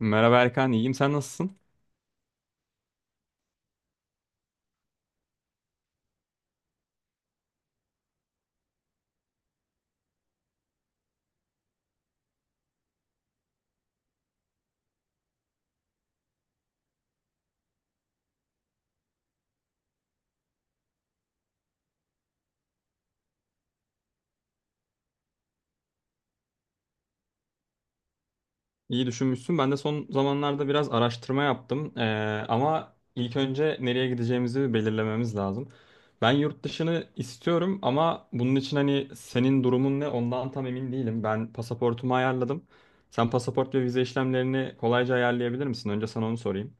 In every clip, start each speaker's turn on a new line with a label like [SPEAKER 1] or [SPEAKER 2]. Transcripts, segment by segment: [SPEAKER 1] Merhaba Erkan, iyiyim. Sen nasılsın? İyi düşünmüşsün. Ben de son zamanlarda biraz araştırma yaptım. Ama ilk önce nereye gideceğimizi bir belirlememiz lazım. Ben yurt dışını istiyorum ama bunun için hani senin durumun ne ondan tam emin değilim. Ben pasaportumu ayarladım. Sen pasaport ve vize işlemlerini kolayca ayarlayabilir misin? Önce sana onu sorayım.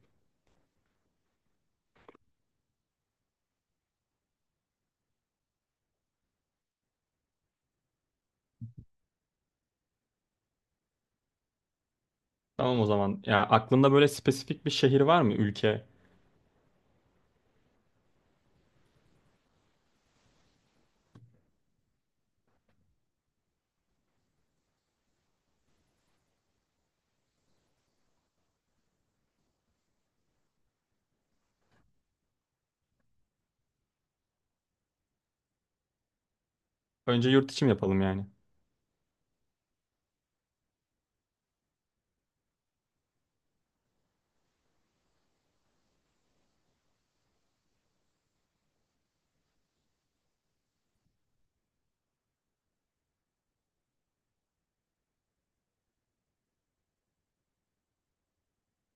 [SPEAKER 1] Tamam o zaman. Ya aklında böyle spesifik bir şehir var mı? Ülke. Önce yurt içi mi yapalım yani?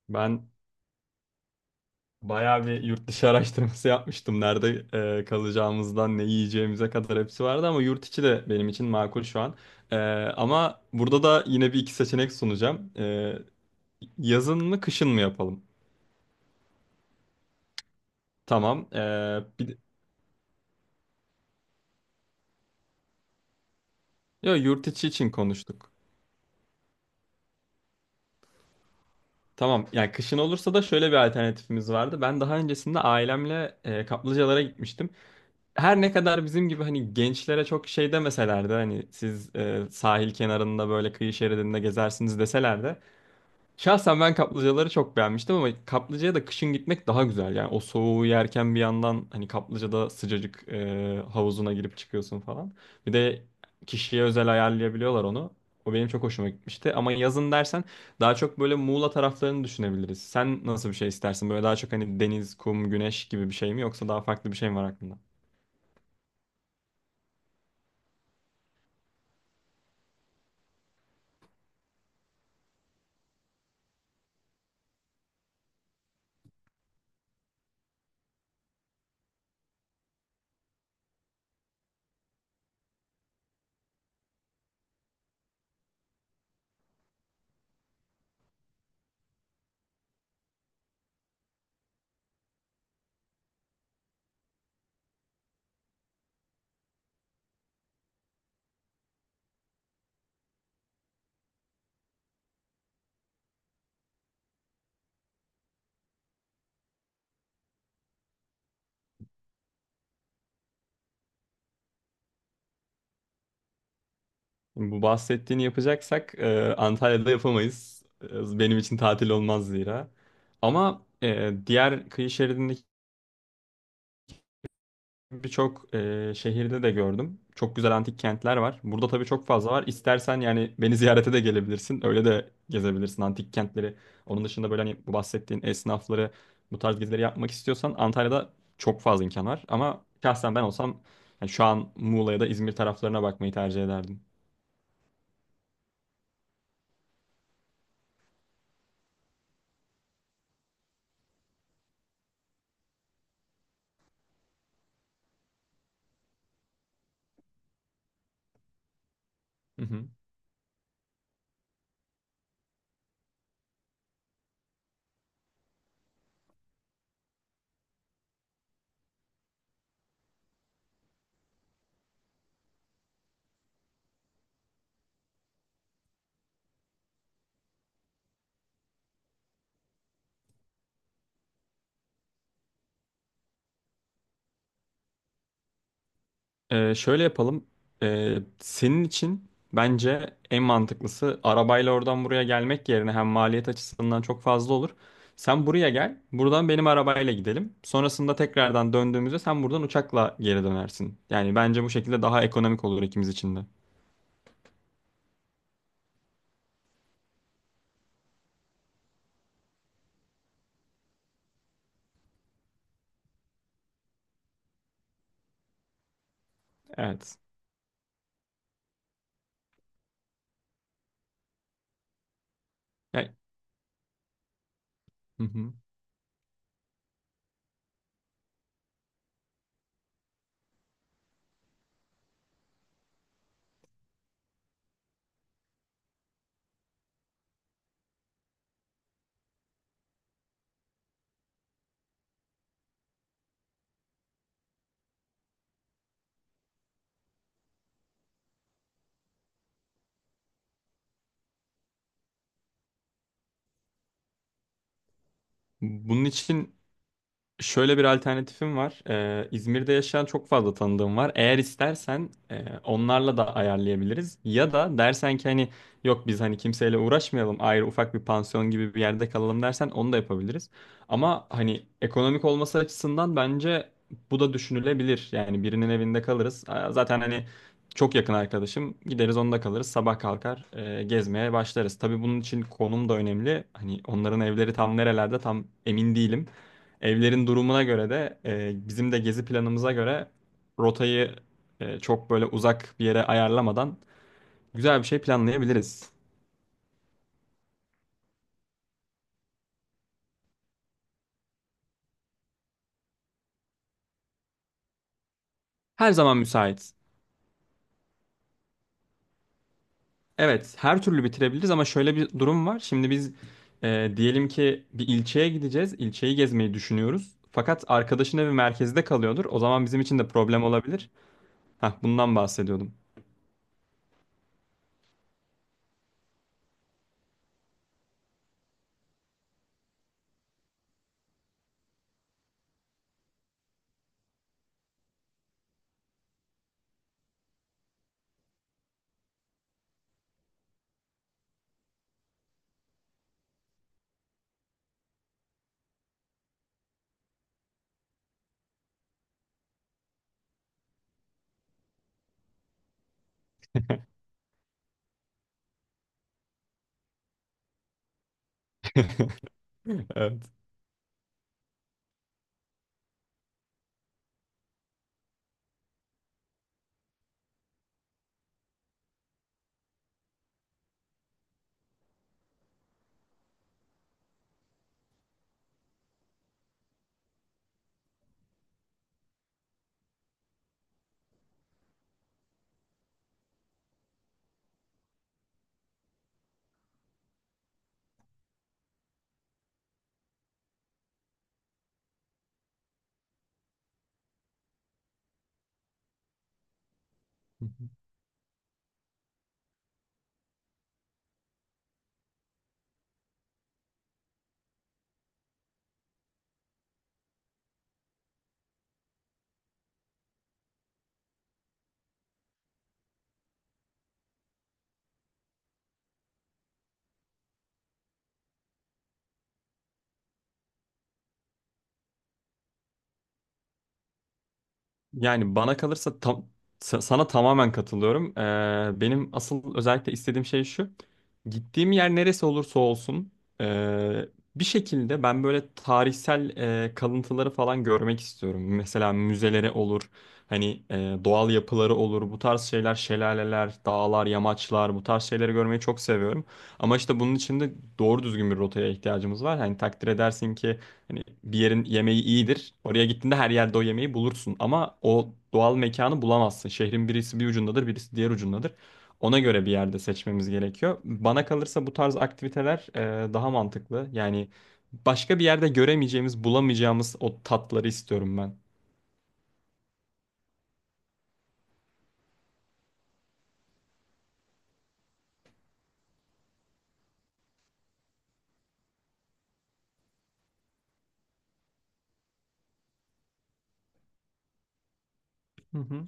[SPEAKER 1] Ben bayağı bir yurt dışı araştırması yapmıştım. Nerede kalacağımızdan ne yiyeceğimize kadar hepsi vardı ama yurt içi de benim için makul şu an. E, ama burada da yine bir iki seçenek sunacağım. Yazın mı kışın mı yapalım? Tamam. Bir, de- yo, yurt içi için konuştuk. Tamam. Yani kışın olursa da şöyle bir alternatifimiz vardı. Ben daha öncesinde ailemle kaplıcalara gitmiştim. Her ne kadar bizim gibi hani gençlere çok şey demeseler de hani siz sahil kenarında böyle kıyı şeridinde gezersiniz deseler de, şahsen ben kaplıcaları çok beğenmiştim ama kaplıcaya da kışın gitmek daha güzel. Yani o soğuğu yerken bir yandan hani kaplıcada sıcacık havuzuna girip çıkıyorsun falan. Bir de kişiye özel ayarlayabiliyorlar onu. O benim çok hoşuma gitmişti. Ama yazın dersen daha çok böyle Muğla taraflarını düşünebiliriz. Sen nasıl bir şey istersin? Böyle daha çok hani deniz, kum, güneş gibi bir şey mi yoksa daha farklı bir şey mi var aklında? Bu bahsettiğini yapacaksak Antalya'da yapamayız. Benim için tatil olmaz zira. Ama diğer kıyı şeridindeki birçok şehirde de gördüm. Çok güzel antik kentler var. Burada tabii çok fazla var. İstersen yani beni ziyarete de gelebilirsin. Öyle de gezebilirsin antik kentleri. Onun dışında böyle hani bu bahsettiğin esnafları, bu tarz gezileri yapmak istiyorsan Antalya'da çok fazla imkan var. Ama şahsen ben olsam yani şu an Muğla ya da İzmir taraflarına bakmayı tercih ederdim. Şöyle yapalım. Senin için bence en mantıklısı arabayla oradan buraya gelmek yerine hem maliyet açısından çok fazla olur. Sen buraya gel, buradan benim arabayla gidelim. Sonrasında tekrardan döndüğümüzde sen buradan uçakla geri dönersin. Yani bence bu şekilde daha ekonomik olur ikimiz için de. Evet. Yani- Hı hı. Bunun için şöyle bir alternatifim var. İzmir'de yaşayan çok fazla tanıdığım var. Eğer istersen onlarla da ayarlayabiliriz. Ya da dersen ki hani, yok, biz hani kimseyle uğraşmayalım. Ayrı ufak bir pansiyon gibi bir yerde kalalım dersen onu da yapabiliriz. Ama hani ekonomik olması açısından bence bu da düşünülebilir. Yani birinin evinde kalırız. Zaten hani çok yakın arkadaşım. Gideriz onda kalırız. Sabah kalkar gezmeye başlarız. Tabii bunun için konum da önemli. Hani onların evleri tam nerelerde tam emin değilim. Evlerin durumuna göre de bizim de gezi planımıza göre rotayı çok böyle uzak bir yere ayarlamadan güzel bir şey planlayabiliriz. Her zaman müsait. Evet, her türlü bitirebiliriz ama şöyle bir durum var. Şimdi biz diyelim ki bir ilçeye gideceğiz. İlçeyi gezmeyi düşünüyoruz. Fakat arkadaşın evi merkezde kalıyordur. O zaman bizim için de problem olabilir. Hah, bundan bahsediyordum. Evet. Yani bana kalırsa tam, sana tamamen katılıyorum. Benim asıl özellikle istediğim şey şu. Gittiğim yer neresi olursa olsun ee, bir şekilde ben böyle tarihsel kalıntıları falan görmek istiyorum. Mesela müzeleri olur, hani doğal yapıları olur, bu tarz şeyler, şelaleler, dağlar, yamaçlar, bu tarz şeyleri görmeyi çok seviyorum. Ama işte bunun için de doğru düzgün bir rotaya ihtiyacımız var. Hani takdir edersin ki, hani bir yerin yemeği iyidir. Oraya gittiğinde her yerde o yemeği bulursun. Ama o doğal mekanı bulamazsın. Şehrin birisi bir ucundadır, birisi diğer ucundadır. Ona göre bir yerde seçmemiz gerekiyor. Bana kalırsa bu tarz aktiviteler daha mantıklı. Yani başka bir yerde göremeyeceğimiz, bulamayacağımız o tatları istiyorum ben. Hı hı.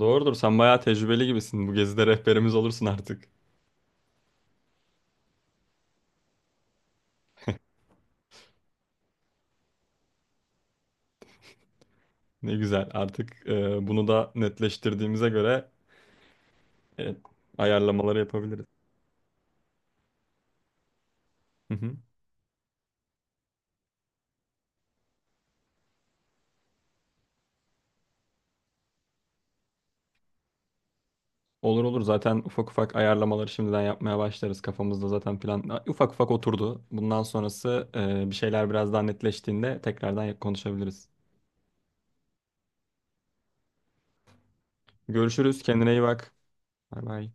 [SPEAKER 1] Doğrudur. Sen bayağı tecrübeli gibisin. Bu gezide rehberimiz olursun artık. Ne güzel. Artık bunu da netleştirdiğimize göre e, ayarlamaları yapabiliriz. Hı hı. Olur olur, zaten ufak ufak ayarlamaları şimdiden yapmaya başlarız. Kafamızda zaten plan ufak ufak oturdu. Bundan sonrası bir şeyler biraz daha netleştiğinde tekrardan konuşabiliriz. Görüşürüz. Kendine iyi bak. Bay bay.